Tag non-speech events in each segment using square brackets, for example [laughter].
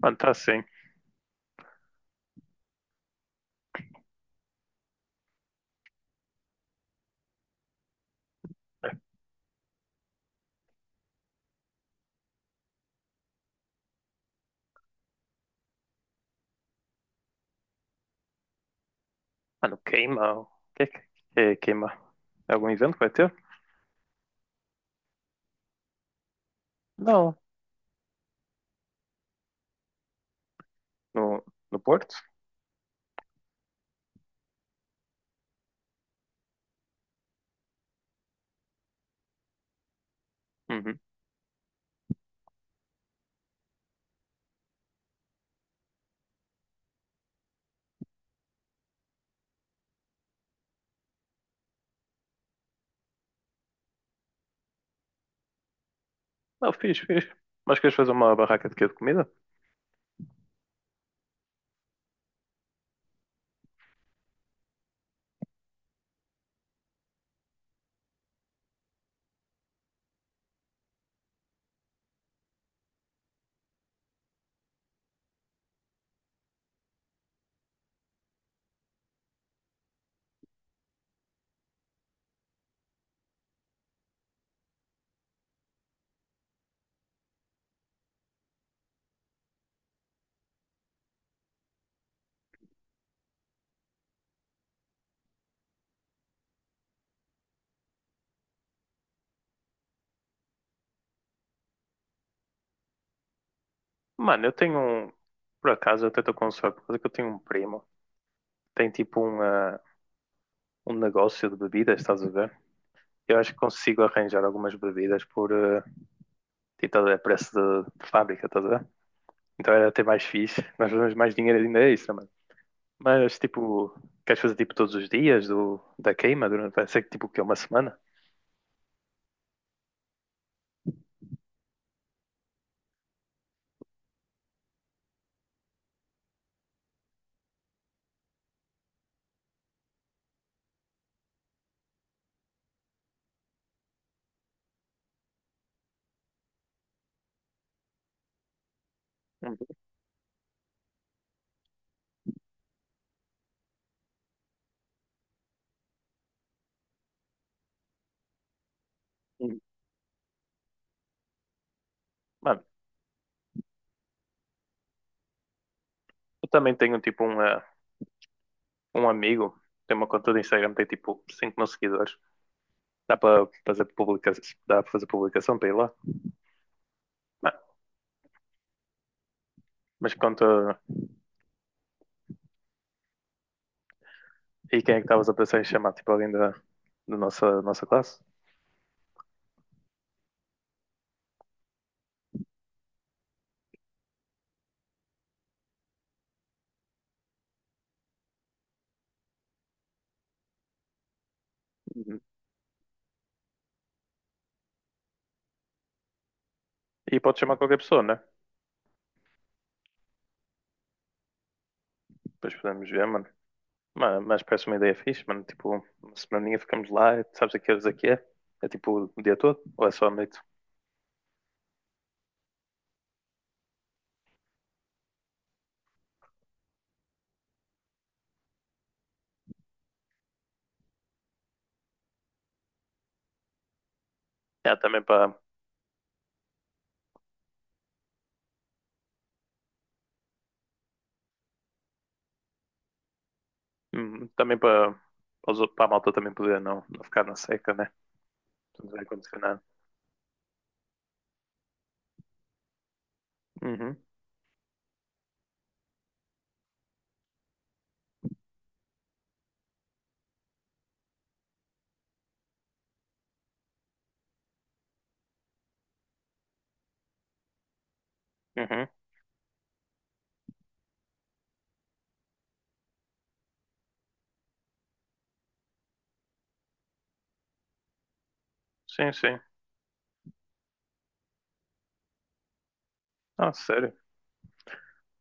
Mano, tá sim. Mano, queima. O que que queima? É algum evento que vai ter? Não. No, no Porto? Uhum. Não, fiz. Mas queres fazer uma barraca de quê? De comida? Mano, eu tenho um. Por acaso, eu até estou com sorte, por causa que eu tenho um primo. Tem tipo um, ah, um negócio de bebidas, estás a ver? Eu acho que consigo arranjar algumas bebidas por, ah, tipo, estás a ver, preço de fábrica, estás a ver? Então era até mais fixe. Nós fazemos mais dinheiro ainda extra. Mas tipo, queres fazer tipo todos os dias da queima durante, vai ser tipo que é uma semana? Uhum. Mano, eu também tenho tipo um, eh, um amigo, tem uma conta do Instagram, tem tipo 5 mil seguidores. Dá para fazer publicação, dá para fazer publicação para ir lá. Mano, mas conta, e quem é que estavas a pensar em chamar? Tipo alguém da, da nossa classe? Uhum. E pode chamar qualquer pessoa, né? Depois podemos ver, mano. Mas parece uma ideia fixe, mano. Tipo, uma semaninha ficamos lá, e tu sabes a que horas é que é? É tipo o dia todo? Ou é só à noite? É, também para também para a malta também poder não ficar na seca, né? Não vai acontecer nada. Uhum, uhum. Sim, sim. Ah, sério.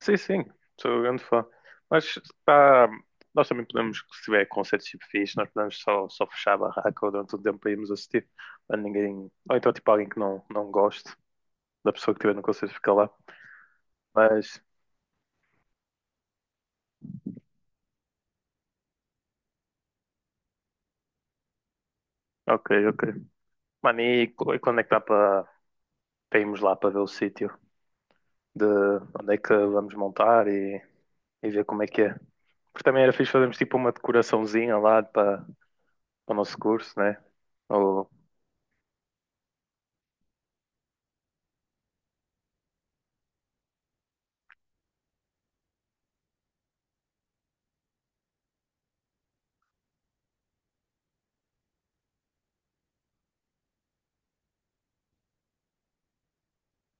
Sim, sim, sou um grande fã. Mas tá, nós também podemos, se tiver concertos tipo fixe, nós podemos só fechar a barraca durante o tempo para irmos assistir. Para ninguém. Ou então tipo alguém que não goste da pessoa que estiver no concerto fica lá. Mas ok, ok. Mano, e e quando é que dá para irmos lá para ver o sítio de onde é que vamos montar e ver como é que é? Porque também era fixe fazermos tipo uma decoraçãozinha lá para, para o nosso curso, né? Ou...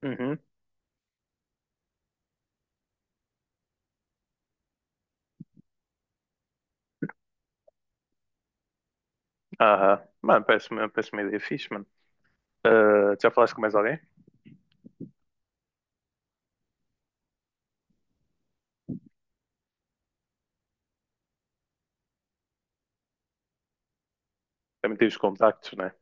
Uhum. Aham. Mano, parece uma ideia fixe, mano. Ah, já falaste com mais alguém? Também tive os contactos, né?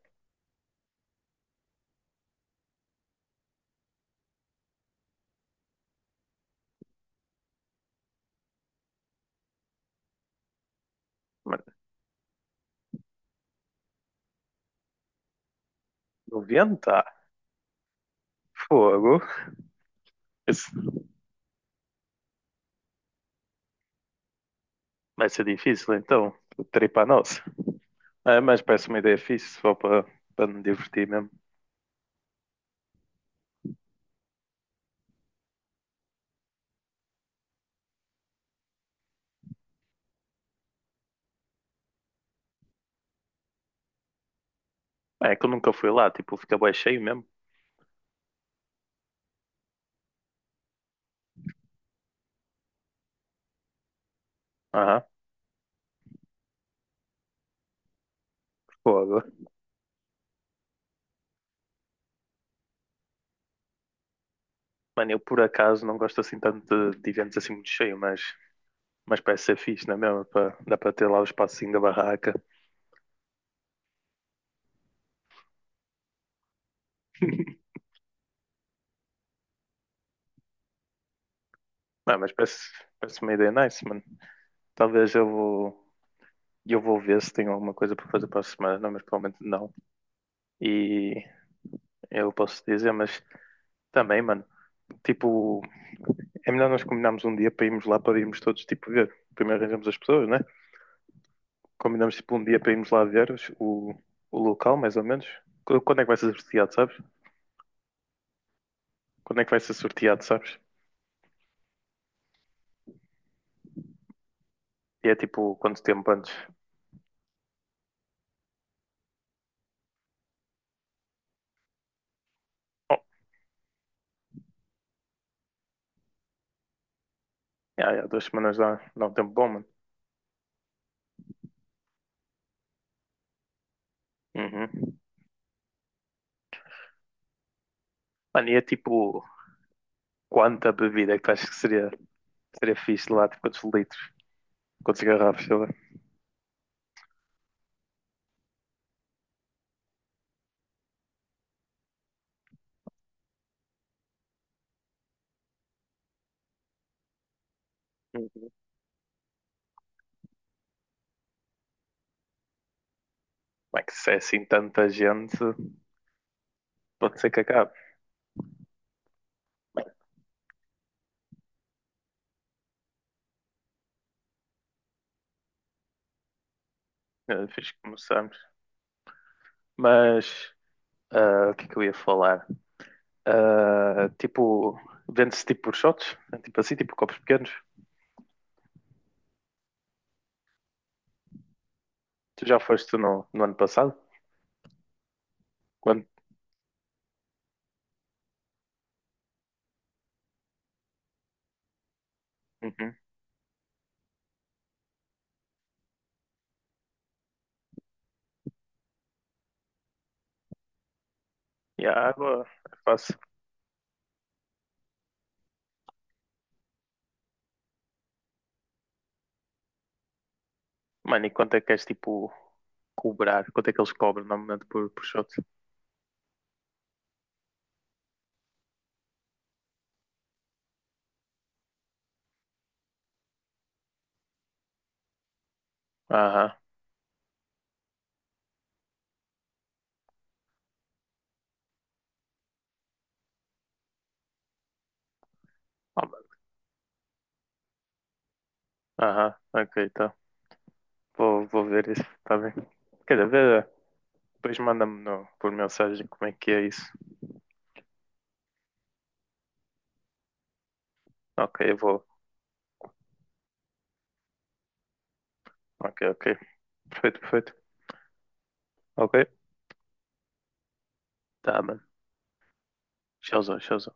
Mas 90? Fogo. Isso vai ser difícil, então. Terei para nós. É, mas parece uma ideia fixe, só para me divertir mesmo. É que eu nunca fui lá, tipo, fica bué cheio mesmo. Aham, fogo. Mano, eu por acaso não gosto assim tanto de eventos assim muito cheio, mas parece ser fixe, não é mesmo? Dá para ter lá o espacinho da barraca. [laughs] Não, mas parece, parece uma ideia nice, mano. Talvez eu vou ver se tenho alguma coisa para fazer para a semana, mas provavelmente não. E eu posso dizer, mas também, mano, tipo, é melhor nós combinarmos um dia para irmos lá para irmos todos, tipo, ver. Primeiro arranjamos as pessoas, né? Combinamos, tipo, um dia para irmos lá ver o local, mais ou menos. Quando é que vai ser sorteado, sabes? Quando é que vai ser sorteado, sabes? E é tipo, quanto tempo antes? Oh, já, já, duas semanas dá, dá um tempo bom, mano. Uhum. Mano, e é tipo, quanta bebida é que tu achas que seria, seria fixe lá? Tipo, quantos litros? Quantas garrafas? Sei lá. Uhum. Como é que se é assim tanta gente? Pode ser que acabe. Bem, eh, fixe que começamos. Mas ah, o que é que eu ia falar? Ah, tipo, vende-se tipo por shots? Tipo assim, tipo copos pequenos? Tu já foste no, no ano passado? Quando? Uhum. E a água é fácil. Mano, e quanto é que és tipo cobrar? Quanto é que eles cobram normalmente por shot? Aham. Ah, mano. Aham. Ok, tá. Vou, vou ver isso, tá bem. Quer dizer, vê, depois manda-me por mensagem como é que é isso. Ok, eu vou. Ok, ok. Perfeito, perfeito. Ok? Tá, mano. Tchauzão, tchauzão.